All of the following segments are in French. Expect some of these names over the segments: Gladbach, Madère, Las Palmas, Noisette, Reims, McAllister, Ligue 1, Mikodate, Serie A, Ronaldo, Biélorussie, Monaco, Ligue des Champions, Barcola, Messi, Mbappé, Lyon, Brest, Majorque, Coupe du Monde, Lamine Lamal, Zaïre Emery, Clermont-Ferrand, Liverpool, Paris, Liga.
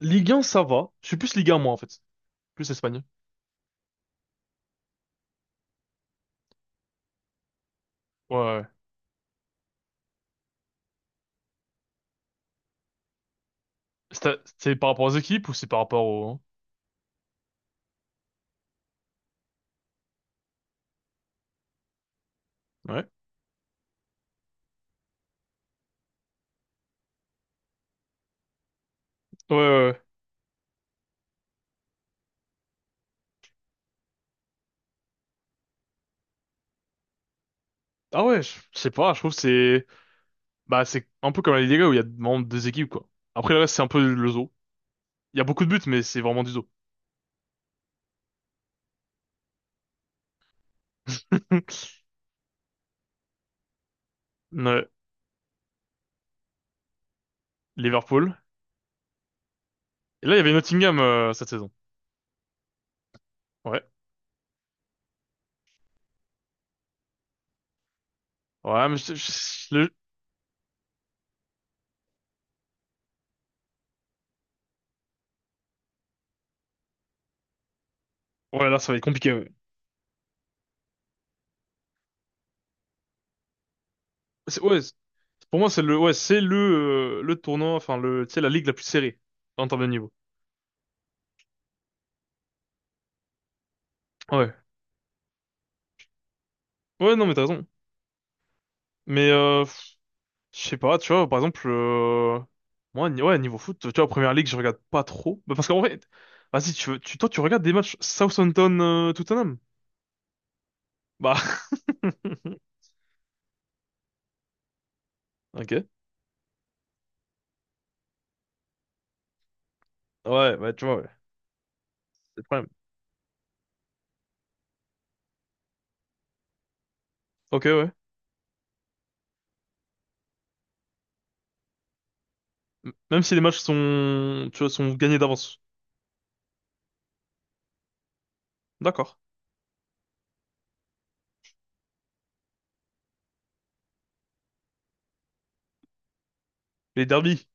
Ligue 1, ça va. Je suis plus Ligue 1, moi, en fait. Plus Espagne. Ouais, ouais. C'est par rapport aux équipes ou c'est par rapport au... Ouais. Ouais, ouais. Ouais. Ah ouais, je sais pas, je trouve que c'est... Bah, c'est un peu comme la Liga où il y a vraiment deux équipes, quoi. Après, le reste, c'est un peu le zoo. Il y a beaucoup de buts, mais c'est vraiment du zoo. Ouais. Liverpool. Et là, il y avait Nottingham cette saison. Ouais. Ouais, mais Ouais, là, ça va être compliqué. Ouais, ouais, pour moi, Ouais, c'est le tournoi, enfin, tu sais, la ligue la plus serrée en termes de niveau. Ouais. Ouais, non, mais t'as raison. Mais je sais pas, tu vois, par exemple, moi, ouais, niveau foot, tu vois, Première Ligue, je regarde pas trop. Bah, parce qu'en vrai, vas-y, tu, toi, tu regardes des matchs Southampton-Tottenham? bah, ok. Ouais, bah, tu vois, ouais. C'est le problème. Ok, ouais. Même si les matchs tu vois, sont gagnés d'avance. D'accord. Les derbies?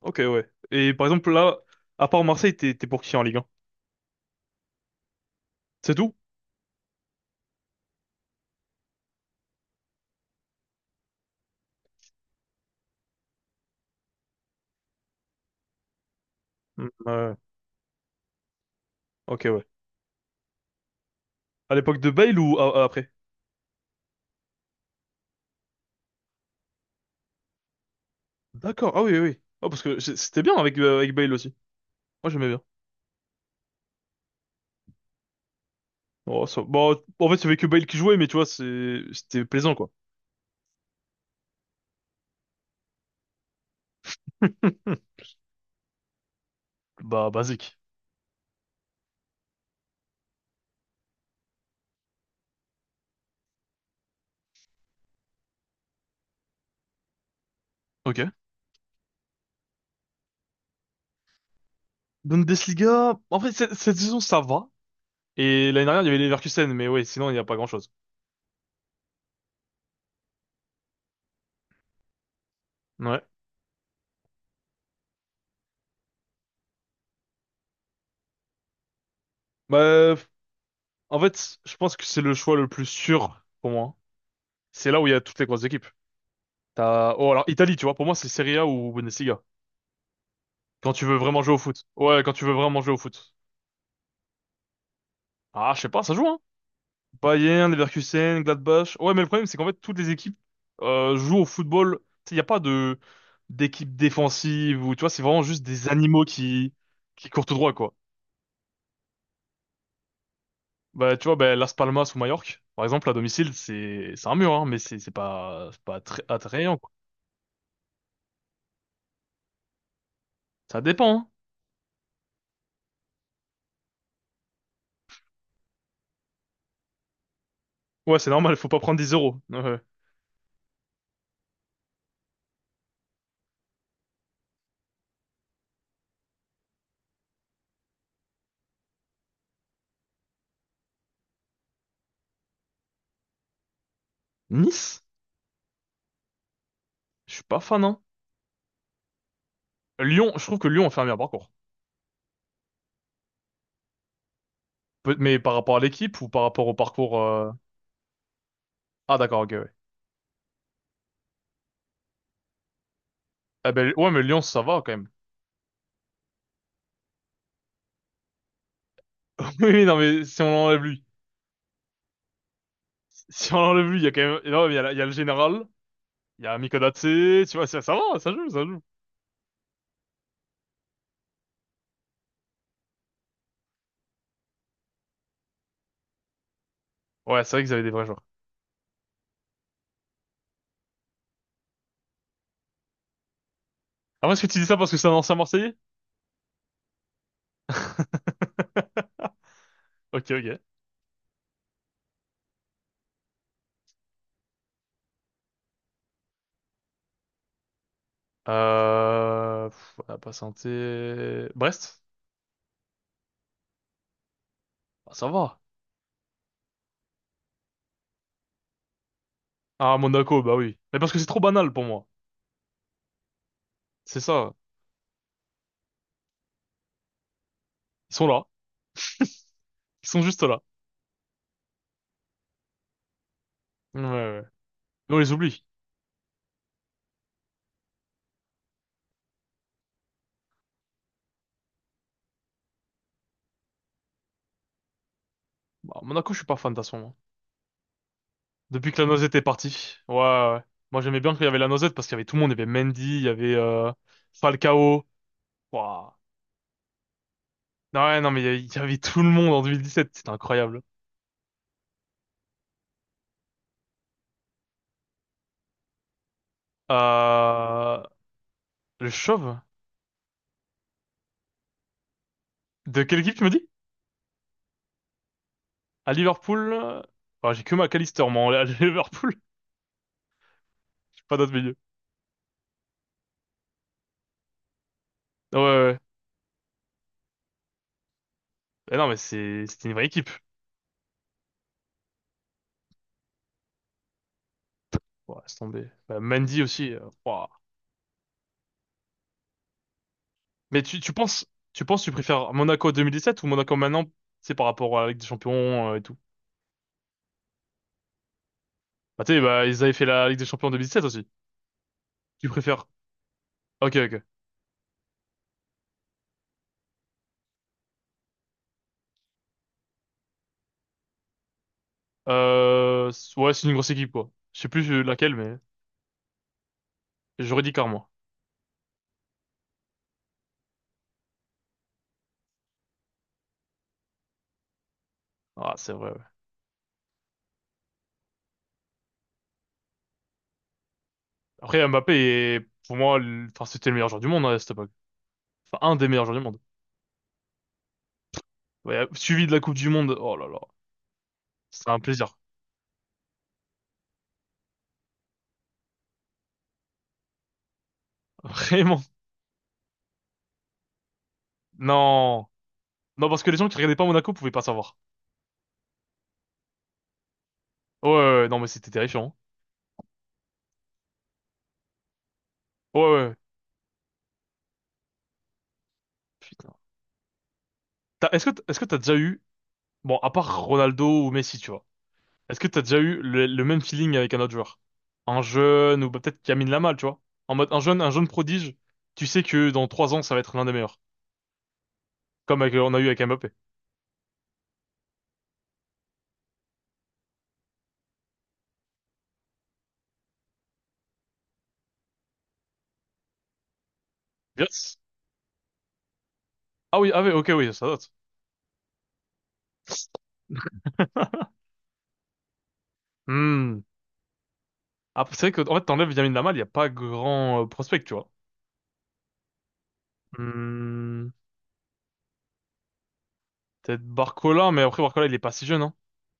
Ok, ouais. Et par exemple, là, à part Marseille, t'es pour qui en Ligue 1? C'est tout? Mm, ouais. Ok, ouais. À l'époque de Bale ou après? D'accord, ah oui, oui, oui. Ah, parce que c'était bien avec, avec Bale aussi. Moi, j'aimais bien. Oh, Bon, en fait, il y avait que Bale qui jouait, mais tu vois, c'est, c'était plaisant, quoi. Bah, basique. Ok. Bundesliga, en fait, cette saison, ça va. Et l'année dernière, il y avait Leverkusen, mais ouais, sinon, il n'y a pas grand-chose. Ouais. Bah, en fait, je pense que c'est le choix le plus sûr pour moi. C'est là où il y a toutes les grosses équipes. Oh, alors Italie, tu vois, pour moi, c'est Serie A ou Bundesliga. Quand tu veux vraiment jouer au foot. Ouais, quand tu veux vraiment jouer au foot. Ah, je sais pas, ça joue, hein. Bayern, Leverkusen, Gladbach. Ouais, mais le problème, c'est qu'en fait, toutes les équipes jouent au football. Il n'y a pas de d'équipe défensive ou tu vois, c'est vraiment juste des animaux qui courent tout droit, quoi. Bah, tu vois, bah, Las Palmas ou Majorque, par exemple, à domicile, c'est un mur, hein, mais c'est pas attrayant, quoi. Ça dépend. Hein. Ouais, c'est normal, faut pas prendre 10 euros. Ouais. Nice, je suis pas fan, hein. Lyon, je trouve que Lyon a fait un meilleur parcours. Mais par rapport à l'équipe ou par rapport au parcours. Ah, d'accord, ok, ouais. Ah ben, ouais, mais Lyon, ça va quand même. Oui, oui, non, mais si on l'enlève lui. Si on l'enlève lui, il y a quand même. Non, mais il y a, il y a le général, il y a Mikodate, tu vois, ça va, ça joue, ça joue. Ouais, c'est vrai qu'ils avaient des vrais joueurs. Ah, moi, est-ce que tu dis ça parce que c'est un ancien Marseillais? Ok, ok. On a pas santé, Brest? Ah, ça va. Ah, Monaco, bah oui. Mais parce que c'est trop banal pour moi. C'est ça. Ils sont là. Ils sont juste là. Ouais, ouais. Mais on les oublie. Bah, Monaco, je suis pas fan de toute façon. Depuis que la Noisette est partie. Ouais, ouais. Ouais. Moi, j'aimais bien qu'il y avait la Noisette parce qu'il y avait tout le monde. Il y avait Mendy, il y avait Falcao. Waouh. Non, ouais, non, mais il y avait tout le monde en 2017. C'était incroyable. Euh... Le Chauve? De quelle équipe tu me dis? À Liverpool? Ouais, j'ai que McAllister, moi, à Liverpool. J'ai pas d'autres milieux. Ouais, ouais. Ouais. Mais non, mais c'est, c'était une vraie équipe. Ouais, laisse tomber. Bah, Mendy aussi. Waouh. Mais tu, tu penses, que tu préfères Monaco 2017 ou Monaco maintenant? C'est par rapport à la Ligue des Champions et tout. Bah, tu sais, bah, ils avaient fait la Ligue des Champions en 2017 aussi. Tu préfères? Ok, ok. Ouais, c'est une grosse équipe, quoi. Je sais plus laquelle, mais j'aurais dit Car, moi. Ah, c'est vrai, ouais. Après, Mbappé est, pour moi, enfin, c'était le meilleur joueur du monde, hein, à cette époque. Enfin, un des meilleurs joueurs du monde. Ouais, suivi de la Coupe du Monde. Oh là là. C'est un plaisir. Vraiment. Non. Non, parce que les gens qui regardaient pas Monaco pouvaient pas savoir. Ouais, ouais, Ouais. Non, mais c'était terrifiant. Hein. Ouais, ouais. Putain. Est-ce que, est-ce que t'as déjà eu, bon, à part Ronaldo ou Messi, tu vois. Est-ce que t'as déjà eu le même feeling avec un autre joueur? Un jeune ou bah, peut-être Lamine Lamal, tu vois? En mode un jeune prodige, tu sais que dans 3 ans ça va être l'un des meilleurs, comme avec, on a eu avec Mbappé. Yes. Ah oui, ah oui, ok, oui, ça date. Hmm. Après, c'est vrai que en fait t'enlèves Lamine Lamal, il y a pas grand prospect, tu vois. Hmm. Peut-être Barcola, mais après Barcola il est pas si jeune, hein.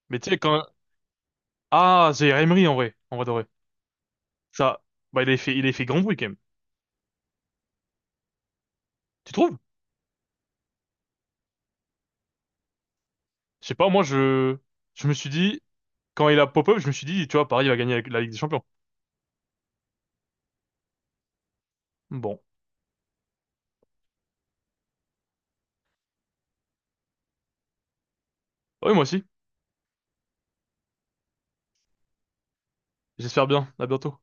Mais tu sais quand ah Zaïre Emery en vrai de vrai. Ça, bah il a fait grand bruit quand même. Tu trouves? Je sais pas, moi je me suis dit. Quand il a pop-up, je me suis dit, tu vois, Paris va gagner la Ligue des Champions. Bon. Ah oui, moi aussi. J'espère bien. À bientôt.